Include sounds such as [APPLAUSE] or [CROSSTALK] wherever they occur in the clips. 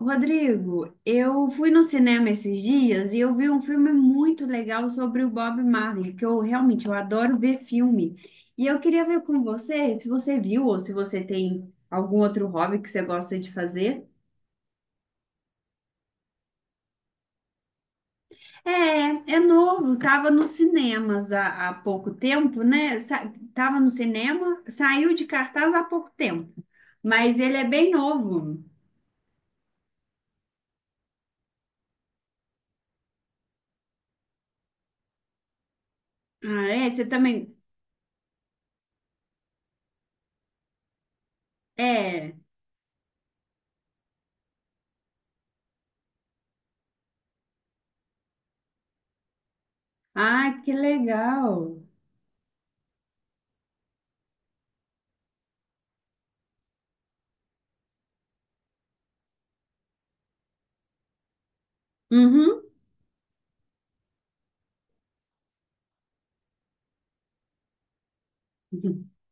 Rodrigo, eu fui no cinema esses dias e eu vi um filme muito legal sobre o Bob Marley, que eu realmente eu adoro ver filme. E eu queria ver com você se você viu ou se você tem algum outro hobby que você gosta de fazer. É, é novo, tava nos cinemas há pouco tempo, né? Sa tava no cinema, saiu de cartaz há pouco tempo, mas ele é bem novo. Ah, é? Você também? É. Ah, que legal. Uhum. [LAUGHS]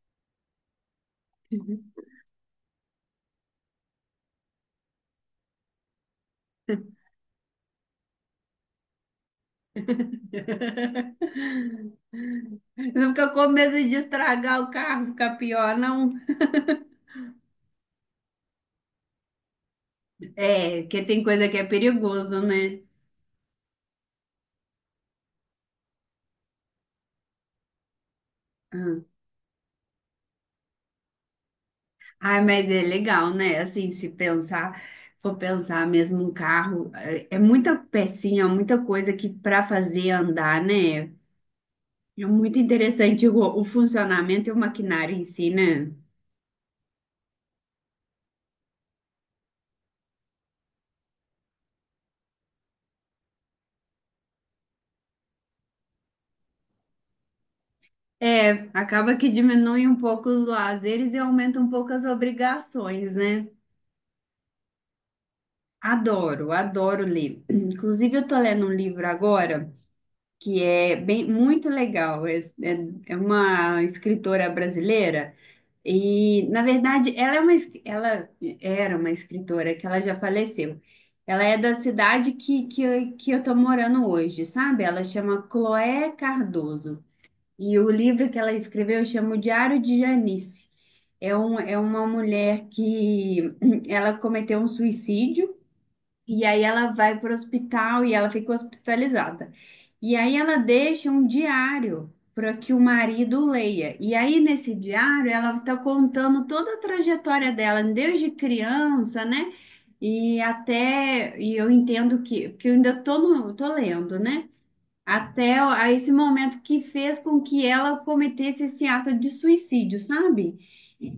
Não fica com medo de estragar o carro, fica pior, não. É, que tem coisa que é perigoso, né? Hum. Ai, mas é legal, né? Assim, se pensar, for pensar mesmo um carro, é muita pecinha, muita coisa que para fazer andar, né? É muito interessante o funcionamento e o maquinário em si, né? É, acaba que diminui um pouco os lazeres e aumenta um pouco as obrigações, né? Adoro, adoro ler. [CLEARS THROAT] Inclusive, eu tô lendo um livro agora que é bem muito legal. É uma escritora brasileira e, na verdade, ela era uma escritora que ela já faleceu. Ela é da cidade que eu tô morando hoje, sabe? Ela chama Cloé Cardoso. E o livro que ela escreveu chama O Diário de Janice. É uma mulher que [CLEARS THROAT] ela cometeu um suicídio. E aí ela vai para o hospital e ela fica hospitalizada. E aí ela deixa um diário para que o marido leia. E aí nesse diário ela está contando toda a trajetória dela, desde criança, né? E eu entendo que, porque eu ainda tô, no, tô lendo, né? Até a esse momento que fez com que ela cometesse esse ato de suicídio, sabe?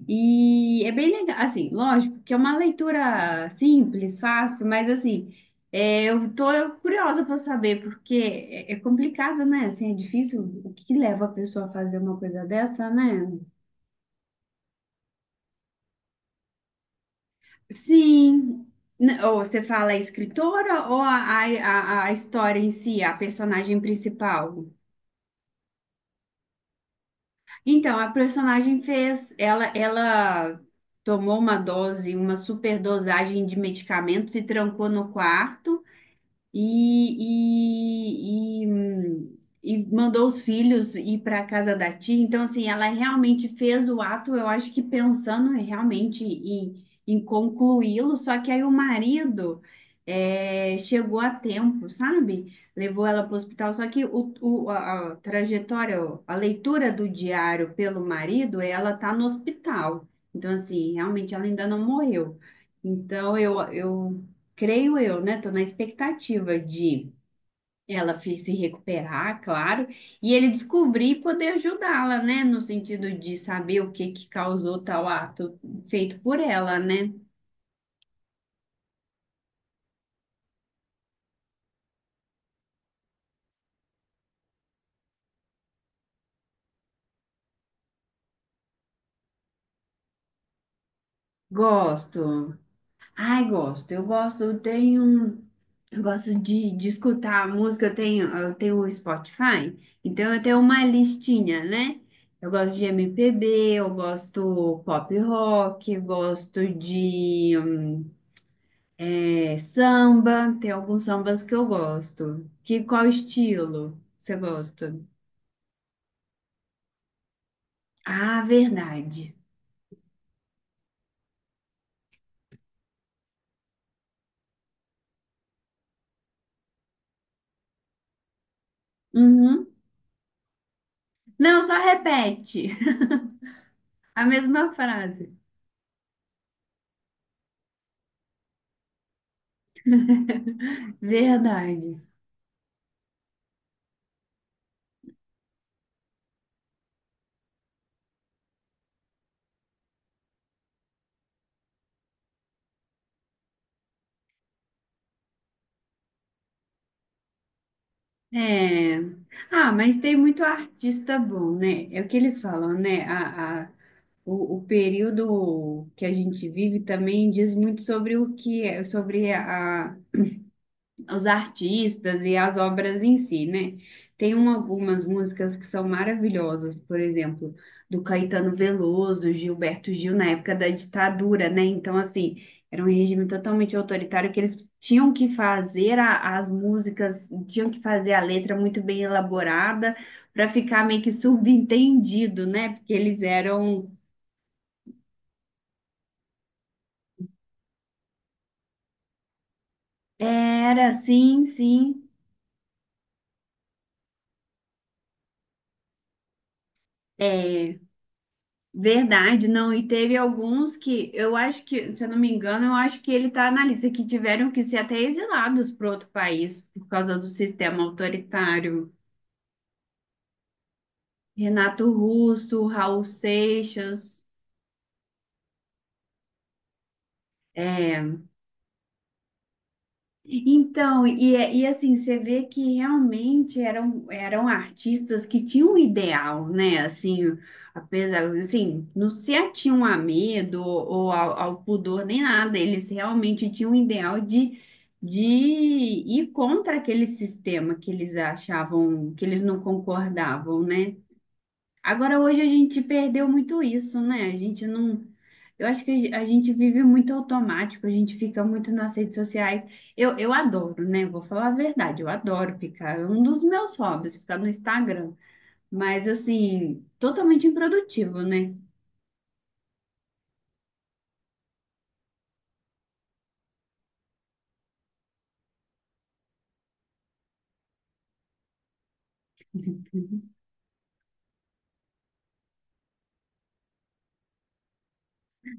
E é bem legal, assim, lógico que é uma leitura simples, fácil, mas assim, eu tô curiosa para saber, porque é complicado, né? Assim, é difícil, o que leva a pessoa a fazer uma coisa dessa, né? Sim, ou você fala a escritora ou a história em si, a personagem principal? Então, a personagem fez, ela tomou uma dose, uma superdosagem de medicamentos e trancou no quarto e, e, e, hum, e mandou os filhos ir para a casa da tia. Então, assim, ela realmente fez o ato, eu acho que pensando realmente em, em concluí-lo, só que aí o marido chegou a tempo, sabe? Levou ela para o hospital, só que a trajetória, a leitura do diário pelo marido, ela tá no hospital. Então, assim, realmente ela ainda não morreu. Então, eu creio eu, né? Tô na expectativa de se recuperar, claro, e ele descobrir e poder ajudá-la, né? No sentido de saber o que que causou tal ato feito por ela, né? Gosto. Ai, gosto. Eu gosto, eu gosto de escutar a música, eu tenho o Spotify, então eu tenho uma listinha, né? Eu gosto de MPB, eu gosto pop rock, eu gosto de é, samba, tem alguns sambas que eu gosto. Que qual estilo você gosta? Ah, verdade. Uhum. Não, só repete [LAUGHS] a mesma frase. Verdade. É. Ah, mas tem muito artista bom, né? É o que eles falam, né? O período que a gente vive também diz muito sobre o que é, os artistas e as obras em si, né? Algumas músicas que são maravilhosas, por exemplo, do Caetano Veloso, do Gilberto Gil, na época da ditadura, né? Então, assim, era um regime totalmente autoritário que eles tinham que as músicas, tinham que fazer a letra muito bem elaborada para ficar meio que subentendido, né? Porque eles eram. Era, sim, sim. é, Verdade, não. E teve alguns que eu acho que, se eu não me engano, eu acho que ele está na lista que tiveram que ser até exilados para outro país por causa do sistema autoritário. Renato Russo, Raul Seixas. é, Então, e assim, você vê que realmente eram artistas que tinham um ideal, né? Assim, apesar, assim, não se atinham a medo ou ao pudor nem nada, eles realmente tinham um ideal de ir contra aquele sistema que eles achavam, que eles não concordavam, né? Agora, hoje a gente perdeu muito isso, né? A gente não. Eu acho que a gente vive muito automático, a gente fica muito nas redes sociais. Eu adoro, né? Vou falar a verdade, eu adoro ficar. É um dos meus hobbies, ficar no Instagram. Mas, assim, totalmente improdutivo, né?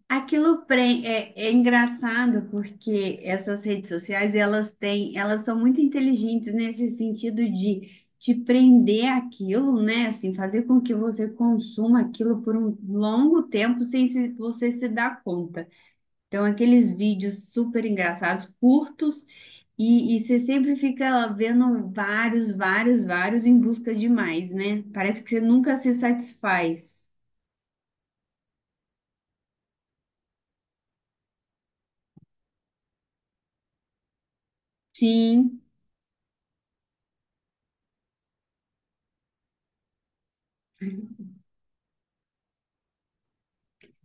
É, é engraçado porque essas redes sociais, elas são muito inteligentes nesse sentido de te prender aquilo, né? Assim, fazer com que você consuma aquilo por um longo tempo sem se- você se dar conta. Então, aqueles vídeos super engraçados, curtos, e você sempre fica vendo vários em busca de mais, né? Parece que você nunca se satisfaz. Sim,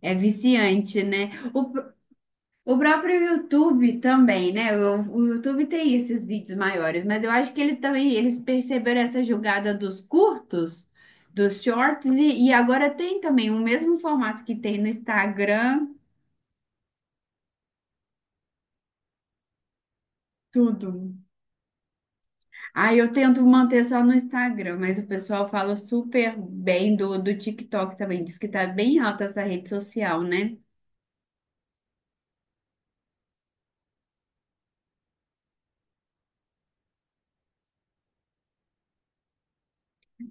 é viciante, né? O próprio YouTube também, né? O YouTube tem esses vídeos maiores, mas eu acho que eles perceberam essa jogada dos curtos, dos shorts e agora tem também o mesmo formato que tem no Instagram, tudo. Aí eu tento manter só no Instagram, mas o pessoal fala super bem do TikTok também, diz que tá bem alta essa rede social, né?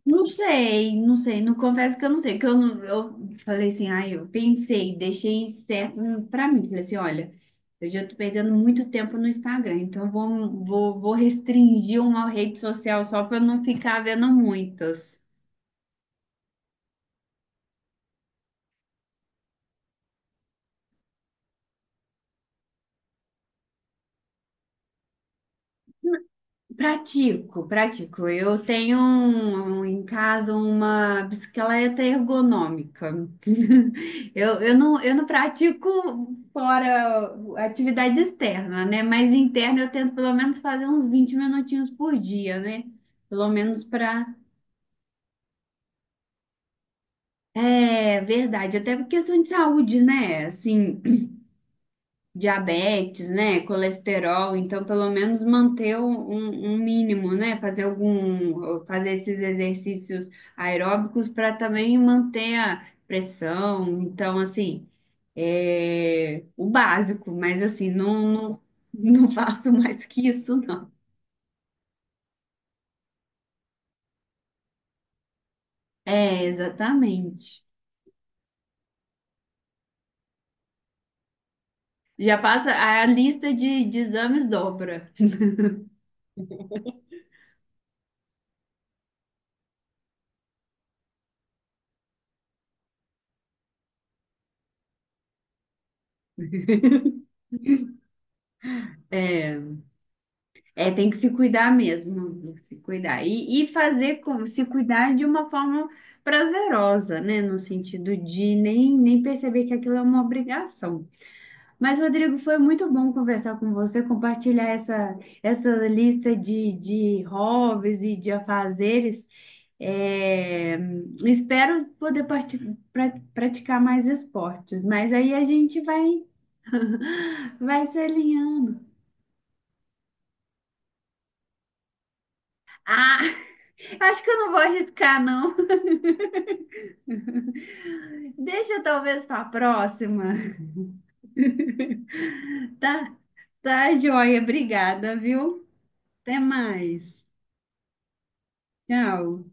Não confesso que eu não sei, que eu não, eu falei assim, ai, eu pensei, deixei certo pra mim, falei assim, olha, eu já tô perdendo muito tempo no Instagram, então eu vou restringir uma rede social só pra eu não ficar vendo muitas. Pratico, pratico. Eu tenho em casa uma bicicleta ergonômica. [LAUGHS] Eu não pratico fora atividade externa, né? Mas interna eu tento pelo menos fazer uns 20 minutinhos por dia, né? Pelo menos para. É verdade, até por questão de saúde, né? Assim, diabetes, né? Colesterol, então pelo menos manter um mínimo, né? Fazer esses exercícios aeróbicos para também manter a pressão. Então, assim, é o básico, mas assim, não [LAUGHS] faço mais que isso, não. É, exatamente. Já passa, a lista de exames dobra. É. É, tem que se cuidar mesmo, tem que se cuidar. E fazer com, se cuidar de uma forma prazerosa, né? No sentido de nem perceber que aquilo é uma obrigação. Mas, Rodrigo, foi muito bom conversar com você, compartilhar essa lista de hobbies e de afazeres. É, espero poder praticar mais esportes, mas aí a gente vai, [LAUGHS] vai se alinhando. Ah, [LAUGHS] acho que eu não vou arriscar, não. Deixa talvez para a próxima. Tá? Tá, joia. Obrigada, viu? Até mais. Tchau.